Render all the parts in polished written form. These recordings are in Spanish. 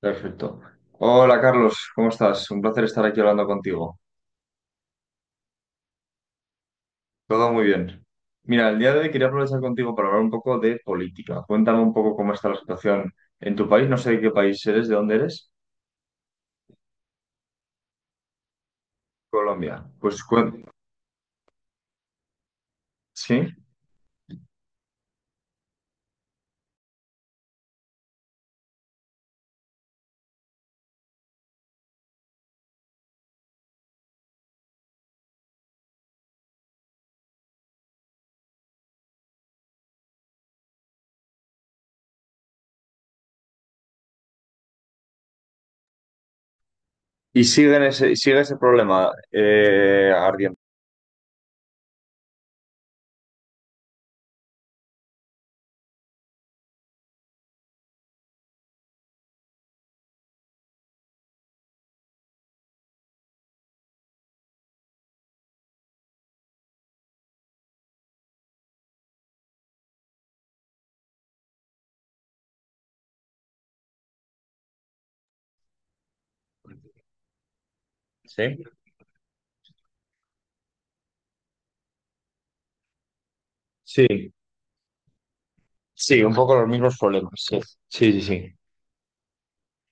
Perfecto. Hola Carlos, ¿cómo estás? Un placer estar aquí hablando contigo. Todo muy bien. Mira, el día de hoy quería aprovechar contigo para hablar un poco de política. Cuéntame un poco cómo está la situación en tu país. No sé de qué país eres, de dónde eres. Colombia. Pues sí. Y sigue ese problema ardiente. Sí. Sí, sí, un poco los mismos problemas. Sí, sí, sí, sí.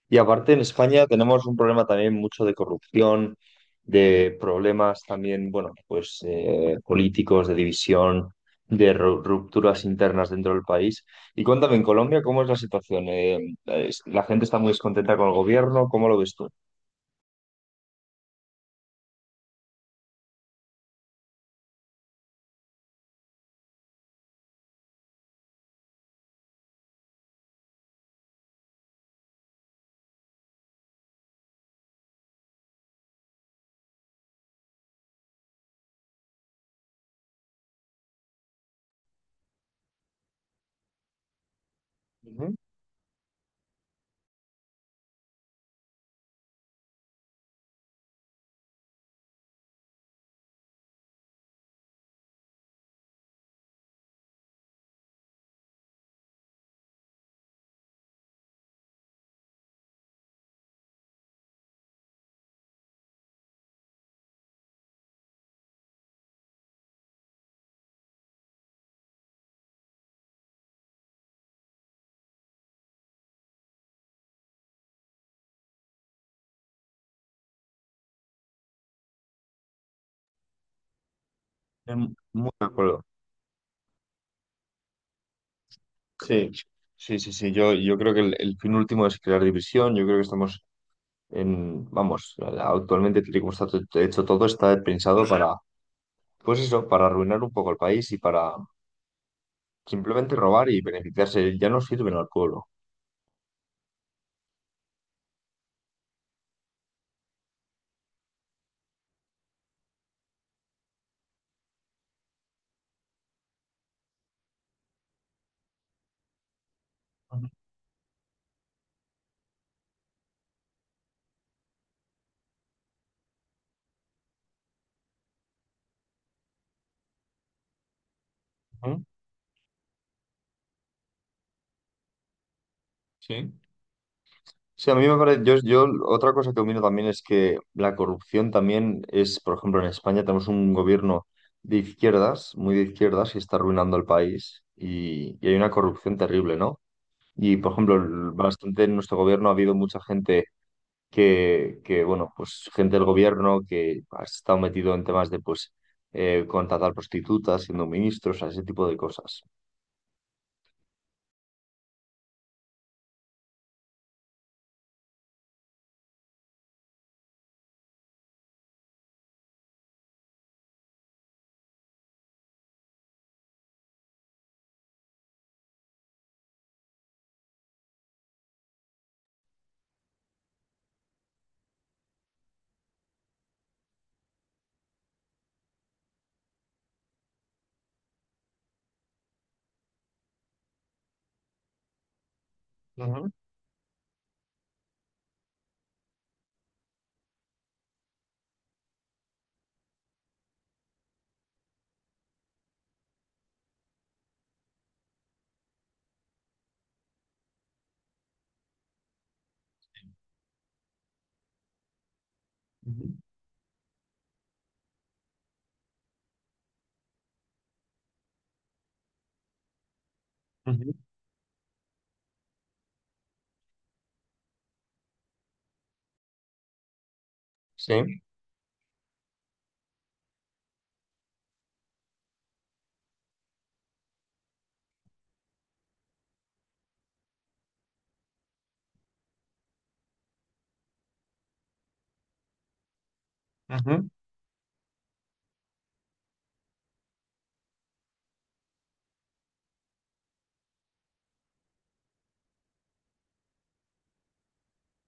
Y aparte en España tenemos un problema también mucho de corrupción, de problemas también, bueno, pues políticos, de división, de rupturas internas dentro del país. Y cuéntame, en Colombia, ¿cómo es la situación? Es- la gente está muy descontenta con el gobierno, ¿cómo lo ves tú? Ujú. Muy de acuerdo. Sí, sí, sí, sí. Yo creo que el fin último es crear división. Yo creo que estamos en, vamos, actualmente, tal y como está hecho todo, está pensado para. Pues eso, para arruinar un poco el país y para simplemente robar y beneficiarse, ya no sirven al pueblo. Ujú. Sí. Sí, a mí me parece, yo otra cosa que opino también es que la corrupción también es, por ejemplo, en España tenemos un gobierno de izquierdas, muy de izquierdas, que está arruinando el país y hay una corrupción terrible, ¿no? Y, por ejemplo, bastante en nuestro gobierno ha habido mucha gente que bueno, pues gente del gobierno que ha estado metido en temas de, pues, contratar prostitutas, siendo ministros, ese tipo de cosas. Ujú, ujú. Sí. Ujú, ujú.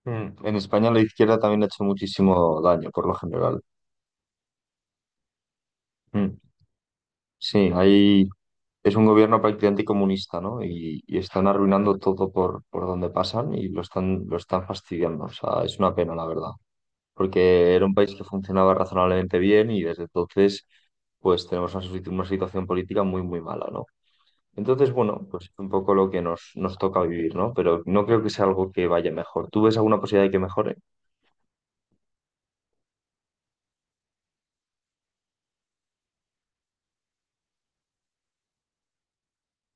Mm. En España la izquierda también ha hecho muchísimo daño, por lo general. Mm. Sí, ahí es un gobierno prácticamente comunista, ¿no? Y están arruinando todo por donde pasan y lo están fastidiando. O sea, es una pena, la verdad. Porque era un país que funcionaba razonablemente bien y desde entonces pues tenemos una situación política muy, muy mala, ¿no? Entonces, bueno, pues es un poco lo que nos toca vivir, ¿no? Pero no creo que sea algo que vaya mejor. ¿Tú ves alguna posibilidad de que mejore?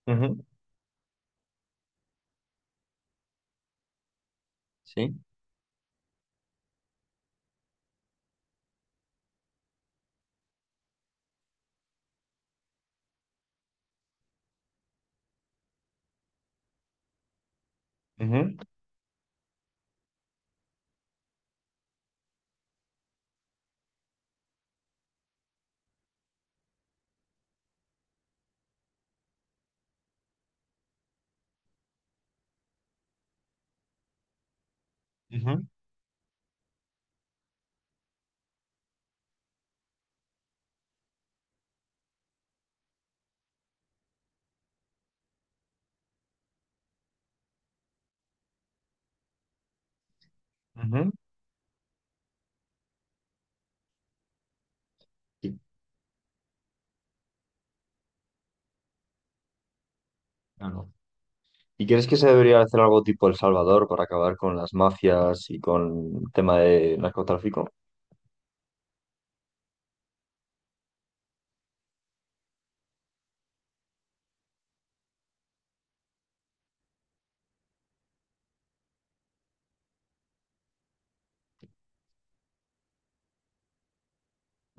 Ujú. Sí. Ujú, ujú, ujú. ¿Y, claro, y crees que se debería hacer algo tipo El Salvador para acabar con las mafias y con el tema de narcotráfico?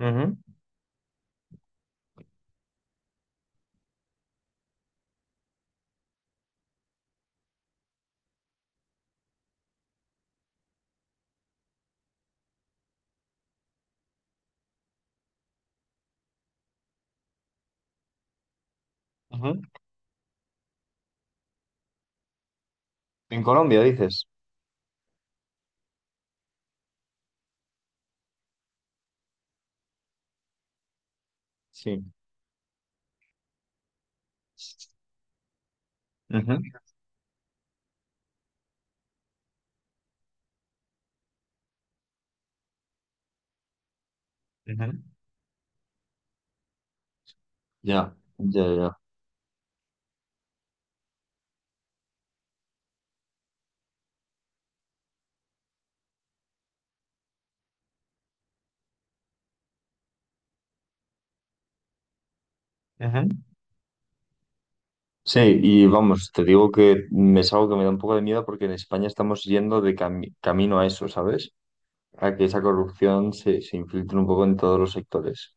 Ujú, ujú. En Colombia, dices. Sí. Ujú, ujú. Ya, ya, ya. Ujú. Sí, y vamos, te digo que me es algo que me da un poco de miedo porque en España estamos yendo de camino a eso, ¿sabes? A que esa corrupción se infiltre un poco en todos los sectores.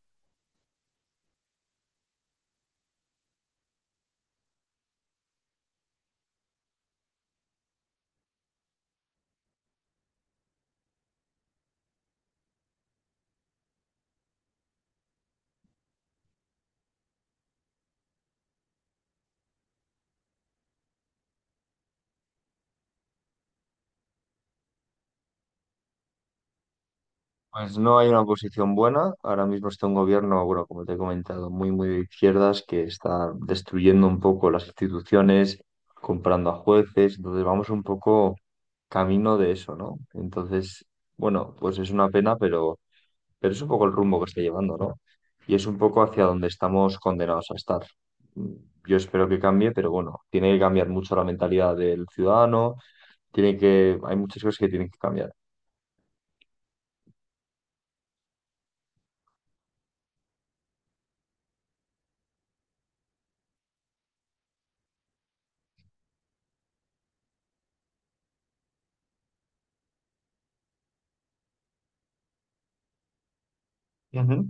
Pues no hay una oposición buena. Ahora mismo está un gobierno, bueno, como te he comentado, muy, muy de izquierdas que está destruyendo un poco las instituciones, comprando a jueces. Entonces vamos un poco camino de eso, ¿no? Entonces, bueno, pues es una pena, pero... Pero es un poco el rumbo que está llevando, ¿no? Y es un poco hacia donde estamos condenados a estar. Mm, Yo espero que cambie, pero bueno, tiene que cambiar mucho la mentalidad del ciudadano, hay muchas cosas que tienen que cambiar. Ujú.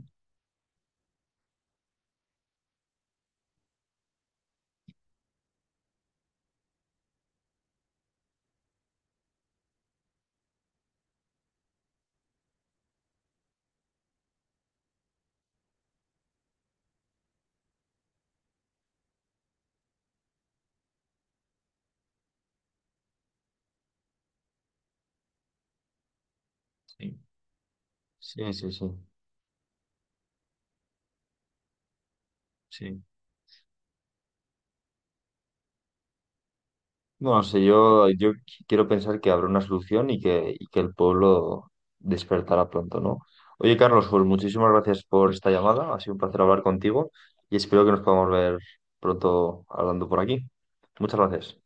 Sí, sí, sí, sí, sí. No sé, yo quiero pensar que habrá una solución y que el pueblo despertará pronto, ¿no? Oye, Carlos, pues muchísimas gracias por esta llamada. Ha sido un placer hablar contigo y espero que nos podamos ver pronto hablando por aquí. Muchas gracias.